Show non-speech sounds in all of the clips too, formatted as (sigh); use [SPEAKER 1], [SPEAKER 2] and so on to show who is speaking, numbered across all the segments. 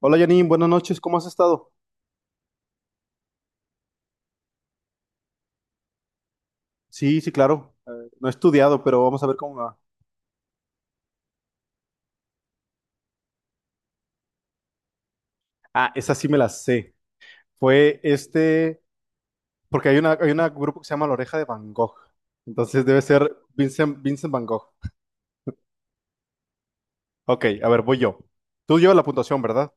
[SPEAKER 1] Hola Janine, buenas noches, ¿cómo has estado? Sí, sí, claro. No he estudiado, pero vamos a ver cómo me va. Ah, esa sí me la sé. Fue este, Porque hay un grupo que se llama La Oreja de Van Gogh. Entonces debe ser Vincent Van Gogh. Ok, a ver, voy yo. Tú llevas la puntuación, ¿verdad?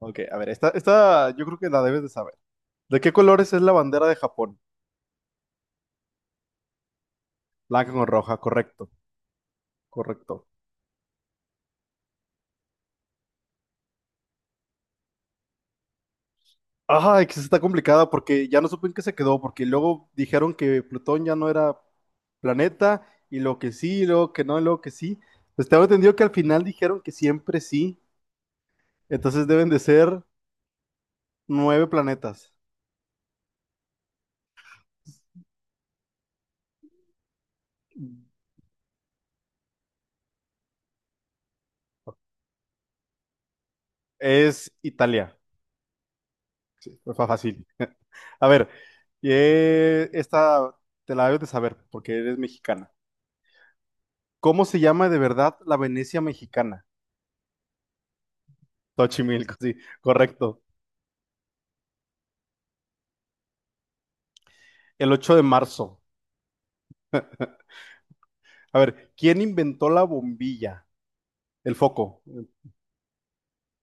[SPEAKER 1] Ok, a ver, esta yo creo que la debes de saber. ¿De qué colores es la bandera de Japón? Blanca con roja, correcto, correcto. Ay, que sí está complicada porque ya no supe en qué se quedó, porque luego dijeron que Plutón ya no era planeta, y lo que sí, y luego que no, y luego que sí. Pues tengo entendido que al final dijeron que siempre sí, entonces deben de ser nueve planetas. Es Italia, fue fácil. A ver, esta te la debes de saber porque eres mexicana. ¿Cómo se llama de verdad la Venecia mexicana? Xochimilco, sí, correcto. El 8 de marzo. A ver, ¿quién inventó la bombilla? El foco.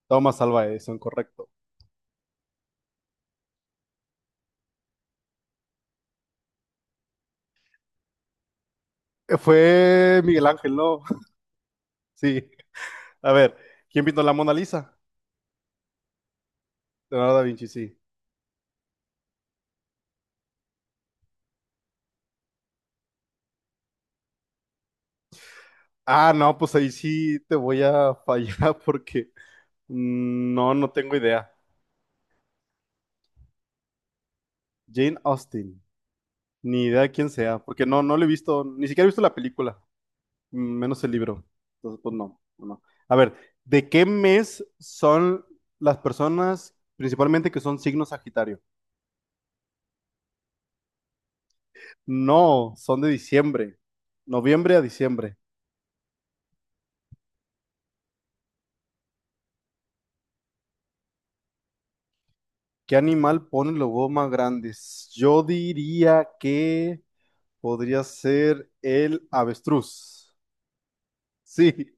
[SPEAKER 1] Toma salva eso, correcto. Fue Miguel Ángel, ¿no? (laughs) Sí. A ver, ¿quién pintó la Mona Lisa? Leonardo da Vinci, sí. Ah, no, pues ahí sí te voy a fallar (laughs) porque no, no tengo idea. Jane Austen, ni idea de quién sea, porque no, no lo he visto, ni siquiera he visto la película, menos el libro. Entonces, pues no, no. No. A ver, ¿de qué mes son las personas, principalmente que son signos Sagitario? No, son de diciembre. Noviembre a diciembre. ¿Qué animal pone los huevos más grandes? Yo diría que podría ser el avestruz. Sí.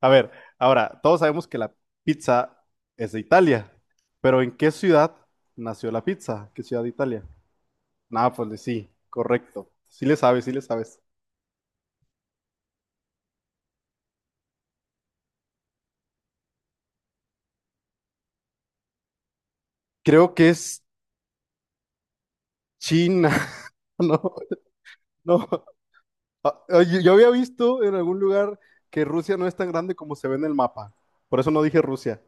[SPEAKER 1] A ver, ahora, todos sabemos que la pizza es de Italia, pero ¿en qué ciudad nació la pizza? ¿Qué ciudad de Italia? Nápoles, sí, correcto. Sí le sabes, sí le sabes. Creo que es China. (laughs) No, no. Ah, oye, yo había visto en algún lugar que Rusia no es tan grande como se ve en el mapa. Por eso no dije Rusia.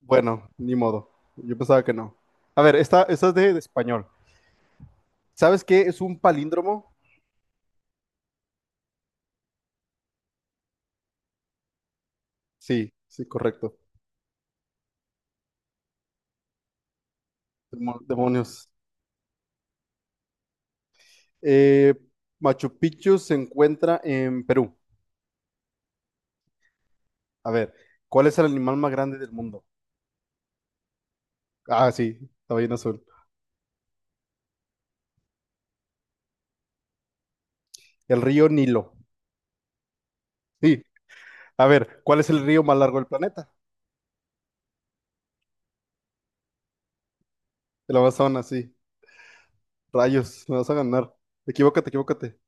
[SPEAKER 1] Bueno, ni modo. Yo pensaba que no. A ver, esta es de español. ¿Sabes qué es un palíndromo? Sí, sí, correcto. Demonios. Eh, Machu Picchu se encuentra en Perú. A ver, ¿cuál es el animal más grande del mundo? Ah, sí, la ballena azul. El río Nilo. Sí. A ver, ¿cuál es el río más largo del planeta? El Amazonas, sí. Rayos, me vas a ganar. Equivócate, equivócate.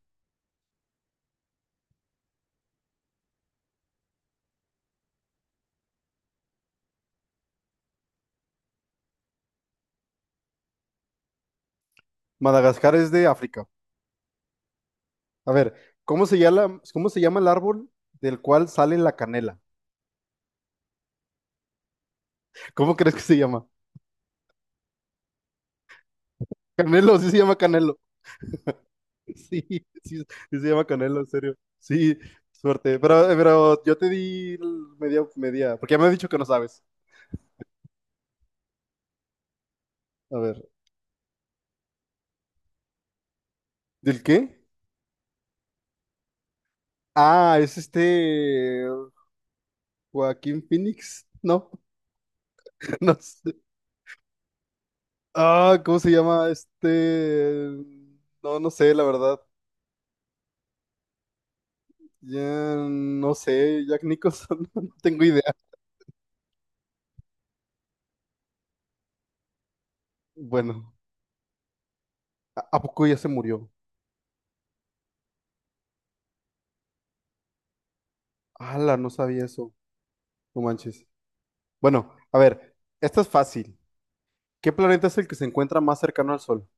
[SPEAKER 1] Madagascar es de África. A ver, ¿cómo se llama el árbol del cual sale la canela? ¿Cómo crees que se llama? Canelo, sí se llama Canelo. (laughs) Sí, sí, sí se llama Canelo, en serio. Sí, suerte. Pero yo te di el media, media, porque ya me has dicho que no sabes. A ver, ¿del qué? Ah, es Joaquín Phoenix. No, (laughs) no sé. Ah, ¿cómo se llama este? No, no sé, la verdad. Ya no sé, Jack Nicholson, (laughs) no tengo idea. Bueno, a poco ya se murió? Ala, no sabía eso. No manches. Bueno, a ver, esta es fácil. ¿Qué planeta es el que se encuentra más cercano al Sol?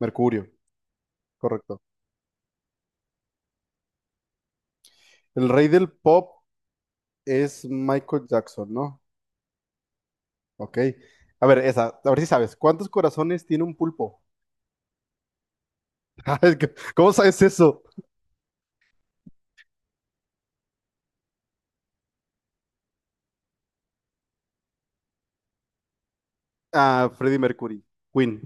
[SPEAKER 1] Mercurio, correcto. El rey del pop es Michael Jackson, ¿no? Ok. A ver, esa, a ver si sabes. ¿Cuántos corazones tiene un pulpo? (laughs) Es ¿cómo sabes eso? Ah, Freddie Mercury, Queen.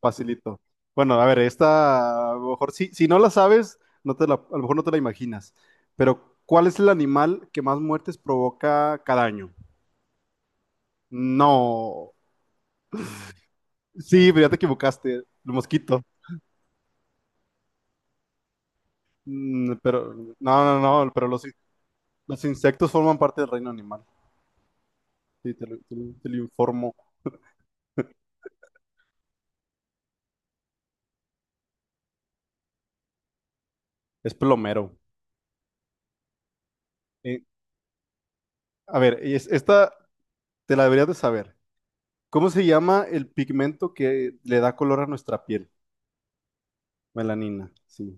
[SPEAKER 1] Facilito. Bueno, a ver, esta, a lo mejor si no la sabes, no te la, a lo mejor no te la imaginas. Pero, ¿cuál es el animal que más muertes provoca cada año? No. Sí, pero ya te equivocaste. El mosquito. Mm, pero, no, no, no, pero los insectos forman parte del reino animal. Sí, te lo informo. Es plomero. Eh, a ver, esta te la deberías de saber. ¿Cómo se llama el pigmento que le da color a nuestra piel? Melanina, sí.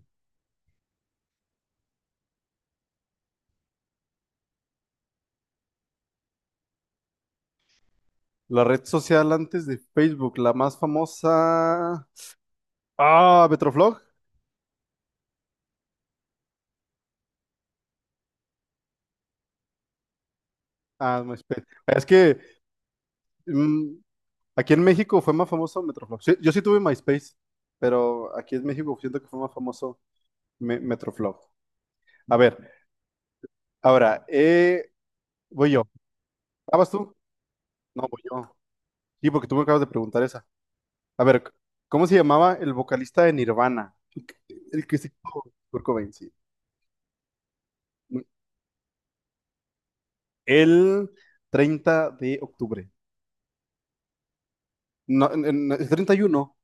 [SPEAKER 1] La red social antes de Facebook, la más famosa. Ah, Metroflog. Ah, MySpace. Es que mm, aquí en México fue más famoso Metroflog. Sí, yo sí tuve MySpace, pero aquí en México siento que fue más famoso Metroflog. A ver, ahora, voy yo. ¿Ah, vas tú? No, voy yo. Sí, porque tú me acabas de preguntar esa. A ver, ¿cómo se llamaba el vocalista de Nirvana? El que se hizo Kurt Cobain, sí. El 30 de octubre. No, es 31.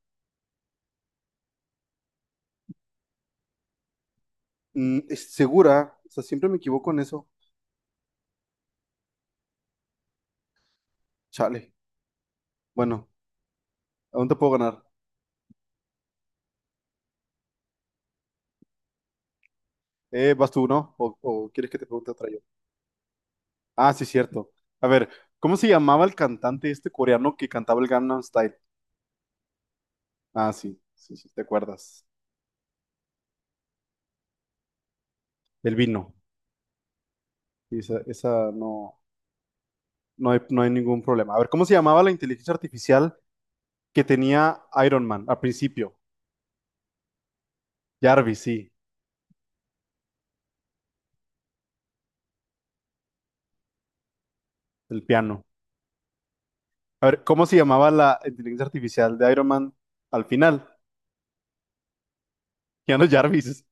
[SPEAKER 1] Mm, es segura. O sea, siempre me equivoco en eso. Chale. Bueno, aún te puedo ganar. ¿Vas tú, no? O quieres que te pregunte otra yo? Ah, sí, cierto. A ver, ¿cómo se llamaba el cantante este coreano que cantaba el Gangnam Style? Ah, sí, sí, sí, te acuerdas. El vino. Y esa no, no hay, no hay ningún problema. A ver, ¿cómo se llamaba la inteligencia artificial que tenía Iron Man al principio? Jarvis, sí, el piano. A ver, ¿cómo se llamaba la inteligencia artificial de Iron Man al final? Keanu Jarvis.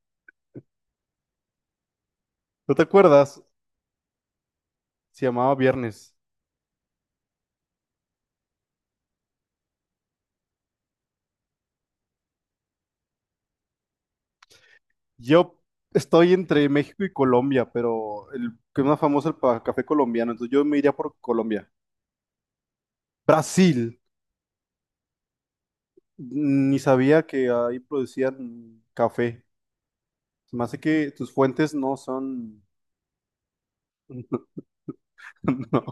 [SPEAKER 1] ¿No te acuerdas? Se llamaba Viernes. Yo estoy entre México y Colombia, pero el que es más famoso es el café colombiano, entonces yo me iría por Colombia. Brasil. Ni sabía que ahí producían café. Se me hace que tus fuentes no son... (laughs) No.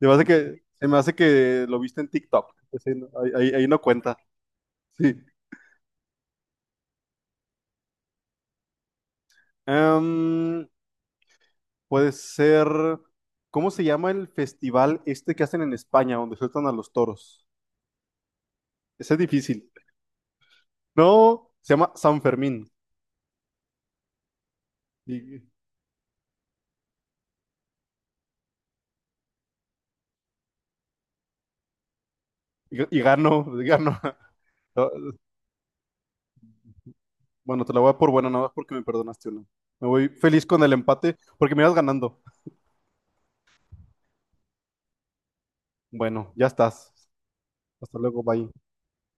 [SPEAKER 1] Se me hace que lo viste en TikTok. Ese no- ahí no cuenta. Sí. Em, Puede ser, ¿cómo se llama el festival este que hacen en España, donde sueltan a los toros? Ese es difícil. No, se llama San Fermín. Y, y gano, y gano. (laughs) Bueno, te la voy a dar por buena, nada más porque me perdonaste uno. Me voy feliz con el empate porque me ibas ganando. Bueno, ya estás. Hasta luego, bye.